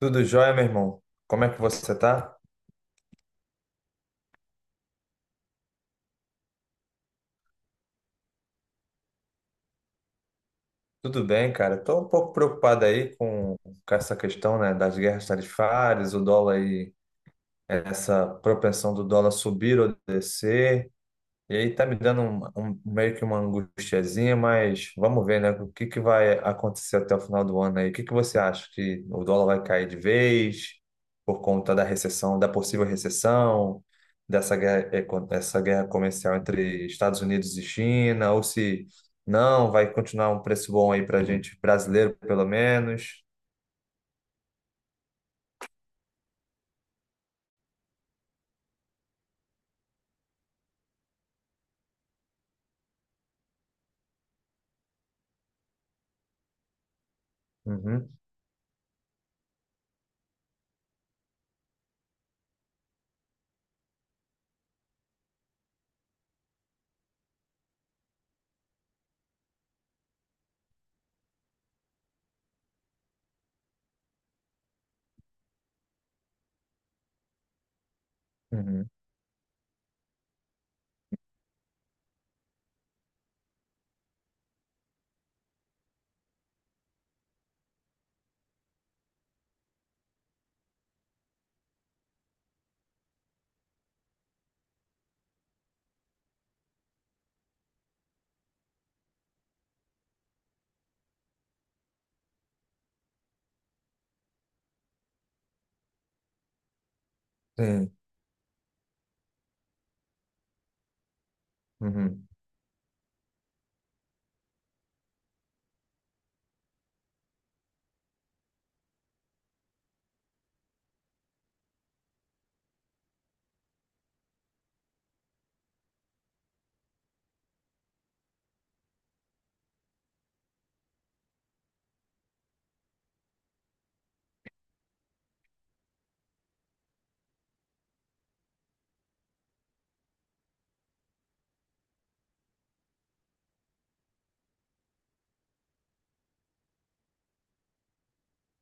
Tudo jóia, meu irmão? Como é que você tá? Tudo bem, cara. Tô um pouco preocupado aí com essa questão, né, das guerras tarifárias, o dólar e essa propensão do dólar subir ou descer. E aí tá me dando meio que uma angustiazinha, mas vamos ver, né? O que que vai acontecer até o final do ano aí? O que que você acha? Que o dólar vai cair de vez por conta da recessão, da possível recessão, dessa guerra, essa guerra comercial entre Estados Unidos e China, ou se não, vai continuar um preço bom aí pra gente brasileiro, pelo menos. Uhum, uhum, sim, uhum,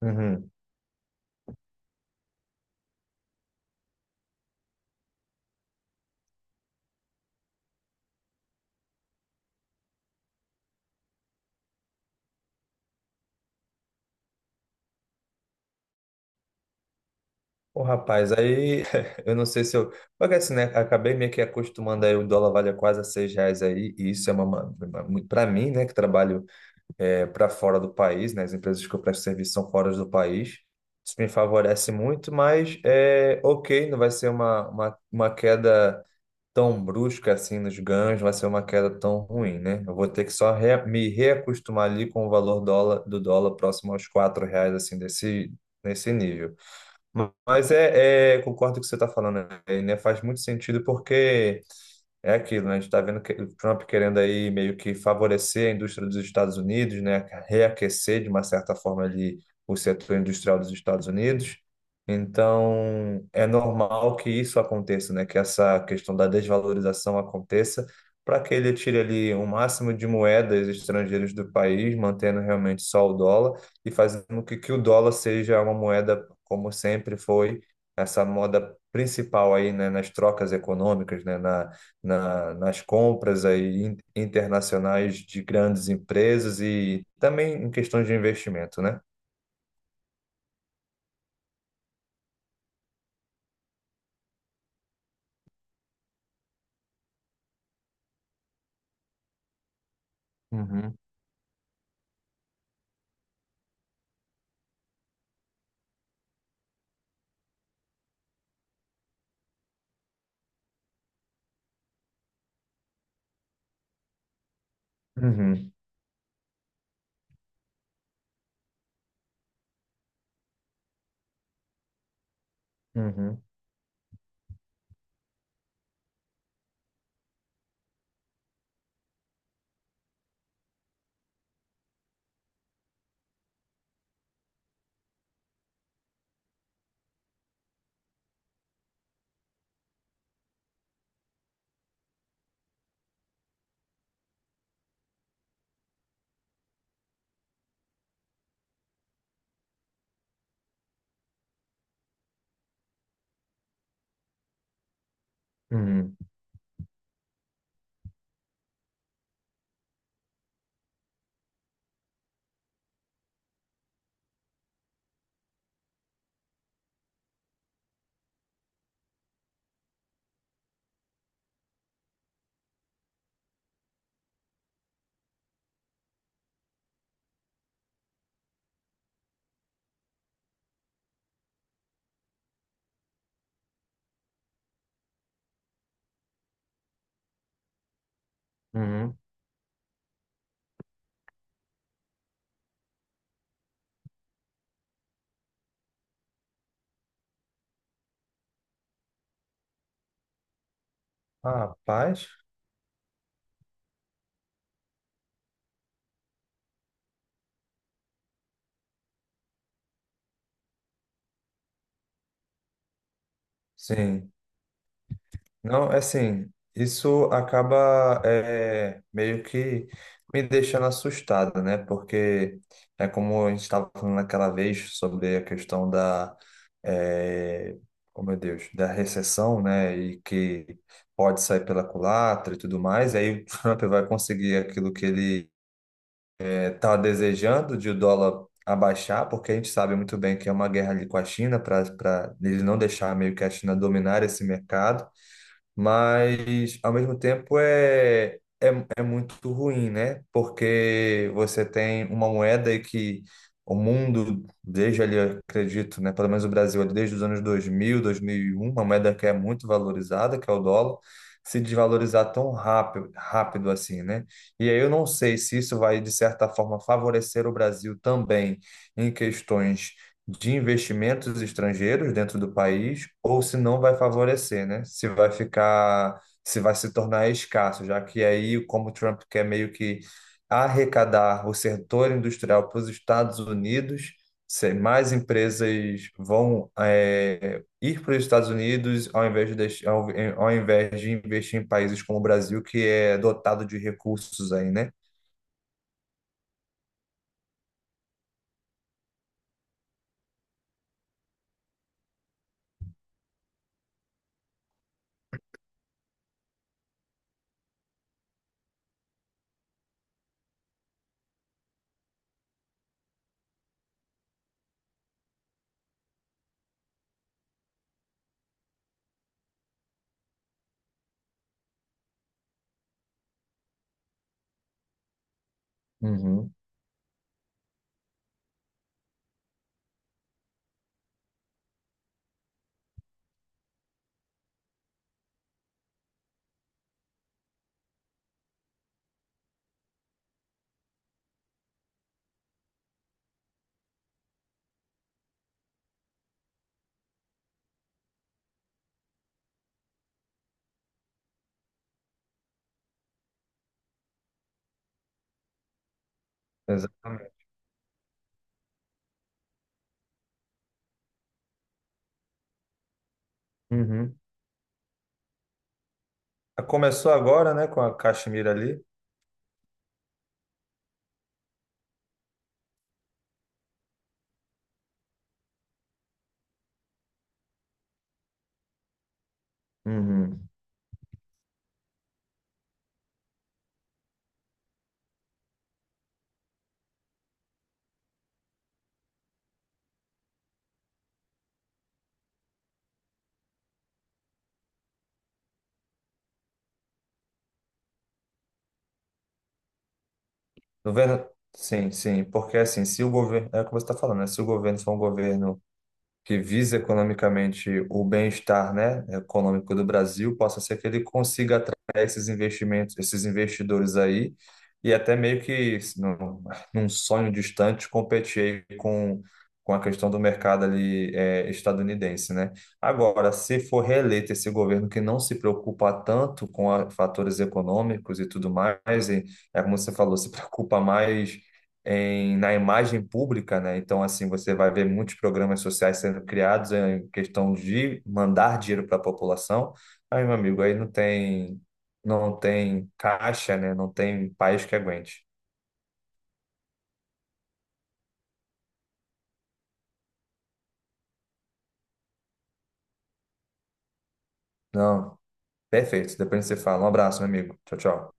uhum. Ô, rapaz, aí eu não sei se eu. Porque assim, né? Acabei meio que acostumando aí, o dólar vale quase a seis reais aí, e isso é uma. Pra mim, né, que trabalho é, para fora do país, né? As empresas que eu presto serviço são fora do país. Isso me favorece muito, mas é ok, não vai ser uma queda tão brusca assim nos ganhos, não vai ser uma queda tão ruim, né? Eu vou ter que só me reacostumar ali com o valor dólar, do dólar próximo aos quatro reais, assim, desse, nesse nível. Mas concordo com o que você está falando, né? Faz muito sentido porque é aquilo, né? A gente está vendo que o Trump querendo aí meio que favorecer a indústria dos Estados Unidos, né? Reaquecer de uma certa forma ali o setor industrial dos Estados Unidos. Então, é normal que isso aconteça, né? Que essa questão da desvalorização aconteça para que ele tire ali o máximo de moedas estrangeiras do país, mantendo realmente só o dólar e fazendo com que o dólar seja uma moeda, como sempre foi, essa moda principal aí, né? Nas trocas econômicas, né? Nas compras aí internacionais de grandes empresas e também em questões de investimento, né? Uhum, uhum, uhum, uhum, uhum. Rapaz, sim. Não, é assim, isso acaba é, meio que me deixando assustado, né? Porque é como a gente estava falando naquela vez sobre a questão da, é, oh meu Deus, da recessão, né? E que pode sair pela culatra e tudo mais, e aí o Trump vai conseguir aquilo que ele está desejando de o dólar abaixar, porque a gente sabe muito bem que é uma guerra ali com a China para ele não deixar meio que a China dominar esse mercado. Mas, ao mesmo tempo, é muito ruim, né? Porque você tem uma moeda aí que o mundo, desde ali, eu acredito, né? Pelo menos o Brasil, ali, desde os anos 2000, 2001, uma moeda que é muito valorizada, que é o dólar, se desvalorizar tão rápido, rápido assim, né? E aí eu não sei se isso vai, de certa forma, favorecer o Brasil também em questões de investimentos estrangeiros dentro do país, ou se não vai favorecer, né? Se vai ficar se vai se tornar escasso, já que aí, como o Trump quer meio que arrecadar o setor industrial para os Estados Unidos, se mais empresas vão ir para os Estados Unidos ao invés de, ao invés de investir em países como o Brasil, que é dotado de recursos aí, né? Uhum, exatamente. Uhum. Começou agora, né, com a Caxemira ali. Uhum. Governo, sim, sim, porque assim, se o governo, é o que você está falando, né? Se o governo for um governo que visa economicamente o bem-estar, né, econômico do Brasil, possa ser que ele consiga atrair esses investimentos, esses investidores aí, e até meio que num, num sonho distante competir aí com a questão do mercado ali estadunidense, né? Agora, se for reeleito esse governo que não se preocupa tanto com fatores econômicos e tudo mais, e é como você falou, se preocupa mais na imagem pública, né? Então, assim, você vai ver muitos programas sociais sendo criados em questão de mandar dinheiro para a população. Aí, meu amigo, aí não tem, não tem caixa, né? Não tem país que aguente. Não, perfeito. Depois você fala. Um abraço, meu amigo. Tchau, tchau.